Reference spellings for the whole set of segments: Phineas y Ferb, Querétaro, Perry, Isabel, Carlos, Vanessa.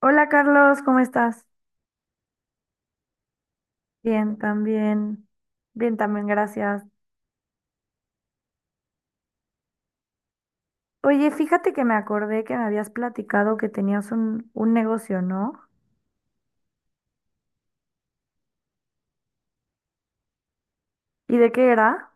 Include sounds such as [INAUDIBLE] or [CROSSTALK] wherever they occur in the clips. Hola Carlos, ¿cómo estás? Bien, también. Bien, también, gracias. Oye, fíjate que me acordé que me habías platicado que tenías un negocio, ¿no? ¿Y de qué era?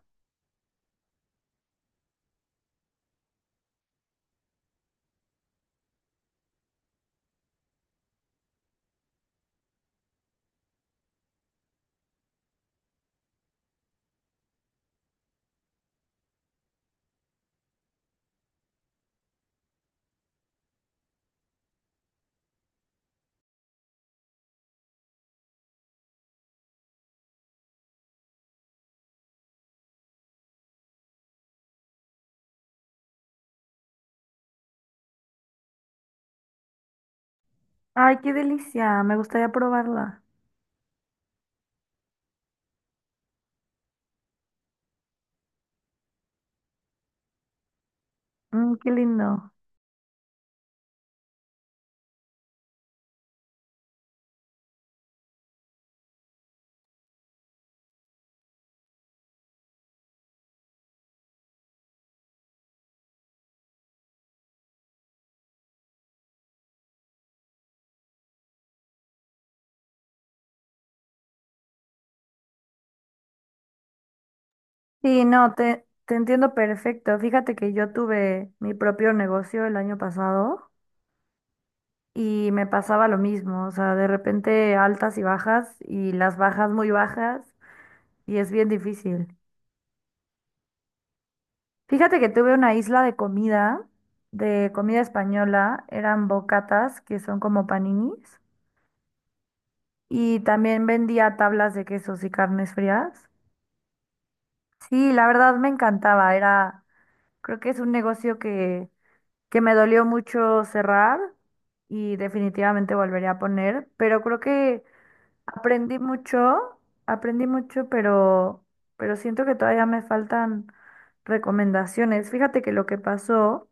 Ay, qué delicia, me gustaría probarla. Mm, qué lindo. Sí, no, te entiendo perfecto. Fíjate que yo tuve mi propio negocio el año pasado y me pasaba lo mismo, o sea, de repente altas y bajas y las bajas muy bajas y es bien difícil. Fíjate que tuve una isla de comida española, eran bocatas, que son como paninis, y también vendía tablas de quesos y carnes frías. Sí, la verdad me encantaba, era, creo que es un negocio que me dolió mucho cerrar y definitivamente volvería a poner, pero creo que aprendí mucho, aprendí mucho, pero siento que todavía me faltan recomendaciones. Fíjate que lo que pasó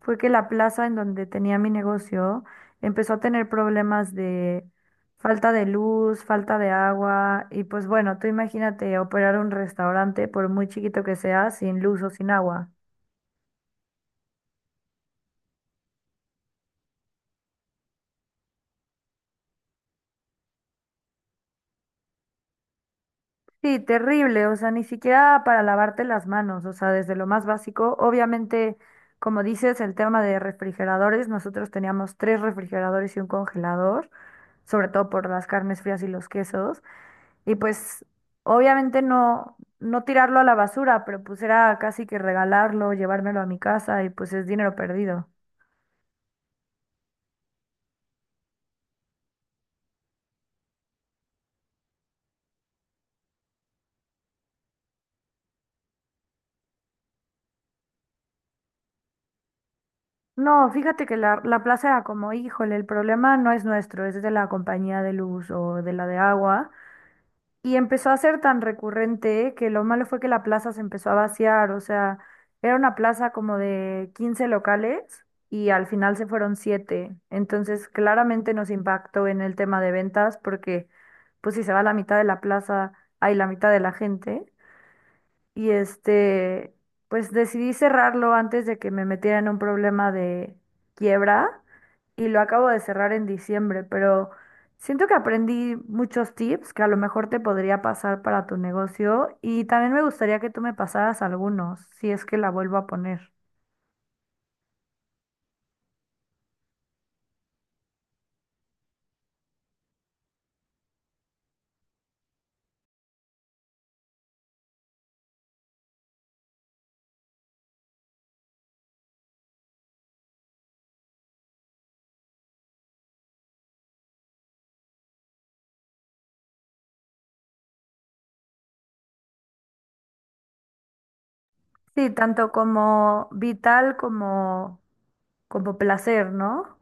fue que la plaza en donde tenía mi negocio empezó a tener problemas de falta de luz, falta de agua y pues bueno, tú imagínate operar un restaurante por muy chiquito que sea sin luz o sin agua. Sí, terrible, o sea, ni siquiera para lavarte las manos, o sea, desde lo más básico. Obviamente, como dices, el tema de refrigeradores, nosotros teníamos tres refrigeradores y un congelador, sobre todo por las carnes frías y los quesos, y pues obviamente no, no tirarlo a la basura, pero pues era casi que regalarlo, llevármelo a mi casa y pues es dinero perdido. No, fíjate que la plaza era como, híjole, el problema no es nuestro, es de la compañía de luz o de la de agua. Y empezó a ser tan recurrente que lo malo fue que la plaza se empezó a vaciar, o sea, era una plaza como de 15 locales y al final se fueron 7. Entonces, claramente nos impactó en el tema de ventas porque, pues si se va la mitad de la plaza, hay la mitad de la gente y este, pues decidí cerrarlo antes de que me metiera en un problema de quiebra y lo acabo de cerrar en diciembre, pero siento que aprendí muchos tips que a lo mejor te podría pasar para tu negocio y también me gustaría que tú me pasaras algunos, si es que la vuelvo a poner. Sí, tanto como vital como como placer, ¿no?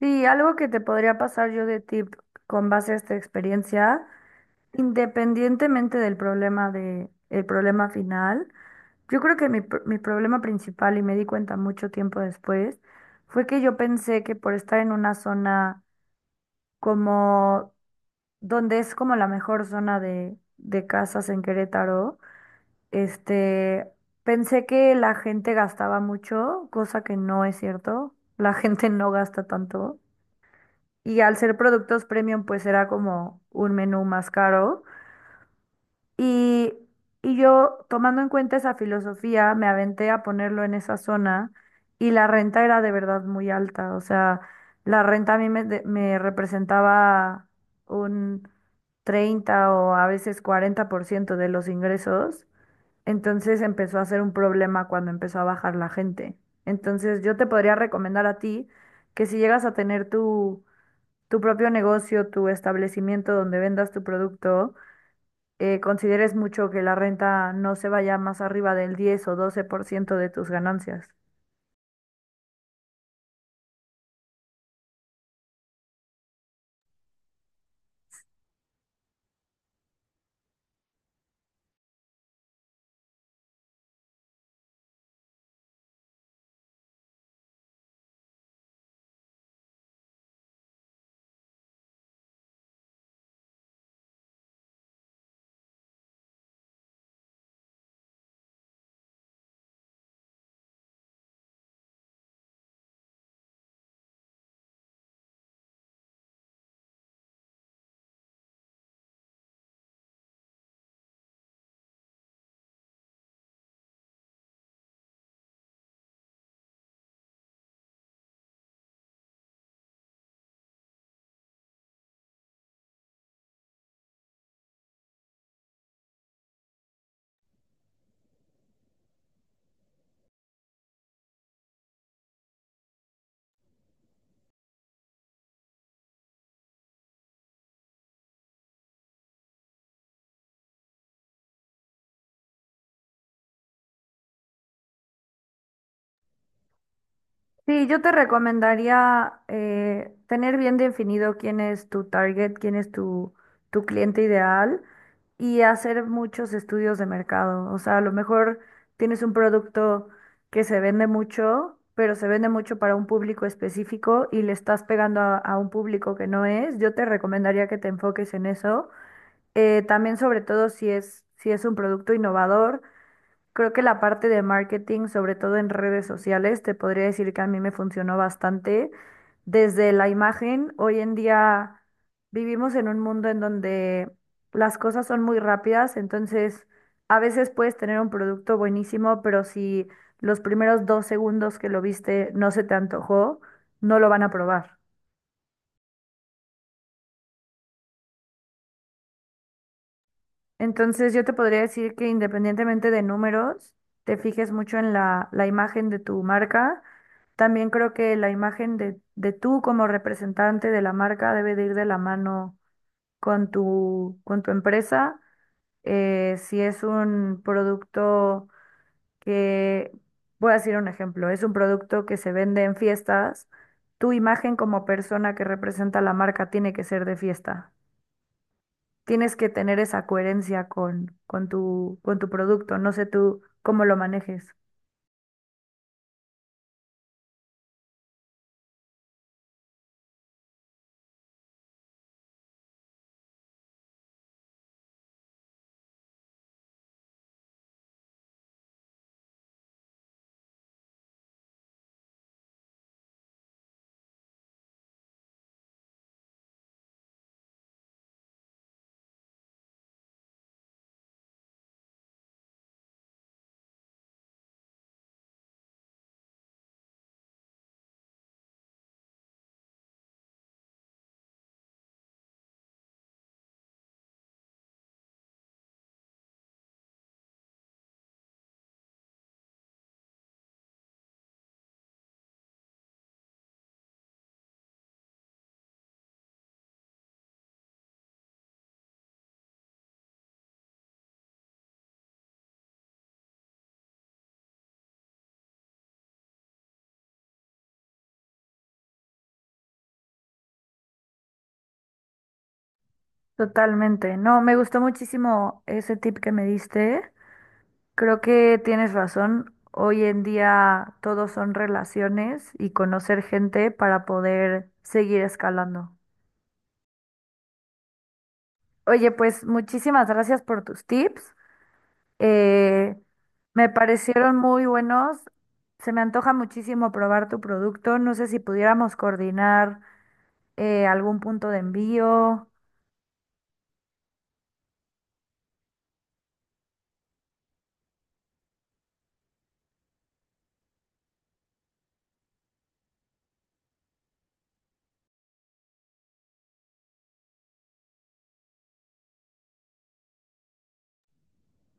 Sí, algo que te podría pasar yo de tip con base a esta experiencia. Independientemente del problema de, el problema final, yo creo que mi problema principal, y me di cuenta mucho tiempo después, fue que yo pensé que por estar en una zona como, donde es como la mejor zona de casas en Querétaro, este, pensé que la gente gastaba mucho, cosa que no es cierto, la [LAUGHS] gente no gasta tanto, y al ser productos premium, pues era como un menú más caro. Y, y yo, tomando en cuenta esa filosofía, me aventé a ponerlo en esa zona y la renta era de verdad muy alta. O sea, la renta a mí me representaba un 30% o a veces 40% de los ingresos. Entonces empezó a ser un problema cuando empezó a bajar la gente. Entonces yo te podría recomendar a ti que si llegas a tener tu, tu propio negocio, tu establecimiento donde vendas tu producto, consideres mucho que la renta no se vaya más arriba del 10% o 12% de tus ganancias. Sí, yo te recomendaría tener bien definido quién es tu target, quién es tu, tu cliente ideal y hacer muchos estudios de mercado. O sea, a lo mejor tienes un producto que se vende mucho, pero se vende mucho para un público específico y le estás pegando a un público que no es. Yo te recomendaría que te enfoques en eso. También sobre todo si es, si es un producto innovador, creo que la parte de marketing, sobre todo en redes sociales, te podría decir que a mí me funcionó bastante. Desde la imagen, hoy en día vivimos en un mundo en donde las cosas son muy rápidas, entonces a veces puedes tener un producto buenísimo, pero si los primeros 2 segundos que lo viste no se te antojó, no lo van a probar. Entonces yo te podría decir que independientemente de números, te fijes mucho en la imagen de tu marca. También creo que la imagen de tú como representante de la marca debe de ir de la mano con tu empresa. Si es un producto que, voy a decir un ejemplo, es un producto que se vende en fiestas, tu imagen como persona que representa la marca tiene que ser de fiesta. Tienes que tener esa coherencia con tu producto. No sé tú cómo lo manejes. Totalmente. No, me gustó muchísimo ese tip que me diste. Creo que tienes razón. Hoy en día todo son relaciones y conocer gente para poder seguir escalando. Oye, pues muchísimas gracias por tus tips. Eh, Me parecieron muy buenos. Se me antoja muchísimo probar tu producto. No sé si pudiéramos coordinar algún punto de envío.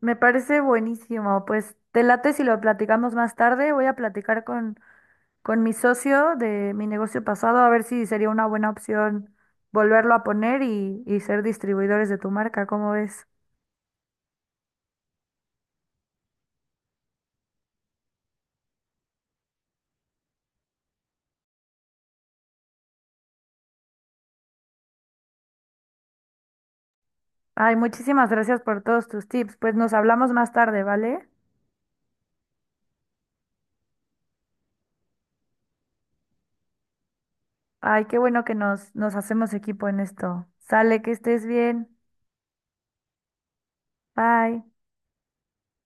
Me parece buenísimo. Pues te late si lo platicamos más tarde. Voy a platicar con mi socio de mi negocio pasado a ver si sería una buena opción volverlo a poner y ser distribuidores de tu marca. ¿Cómo ves? Ay, muchísimas gracias por todos tus tips. Pues nos hablamos más tarde, ¿vale? Ay, qué bueno que nos hacemos equipo en esto. Sale, que estés bien. Bye.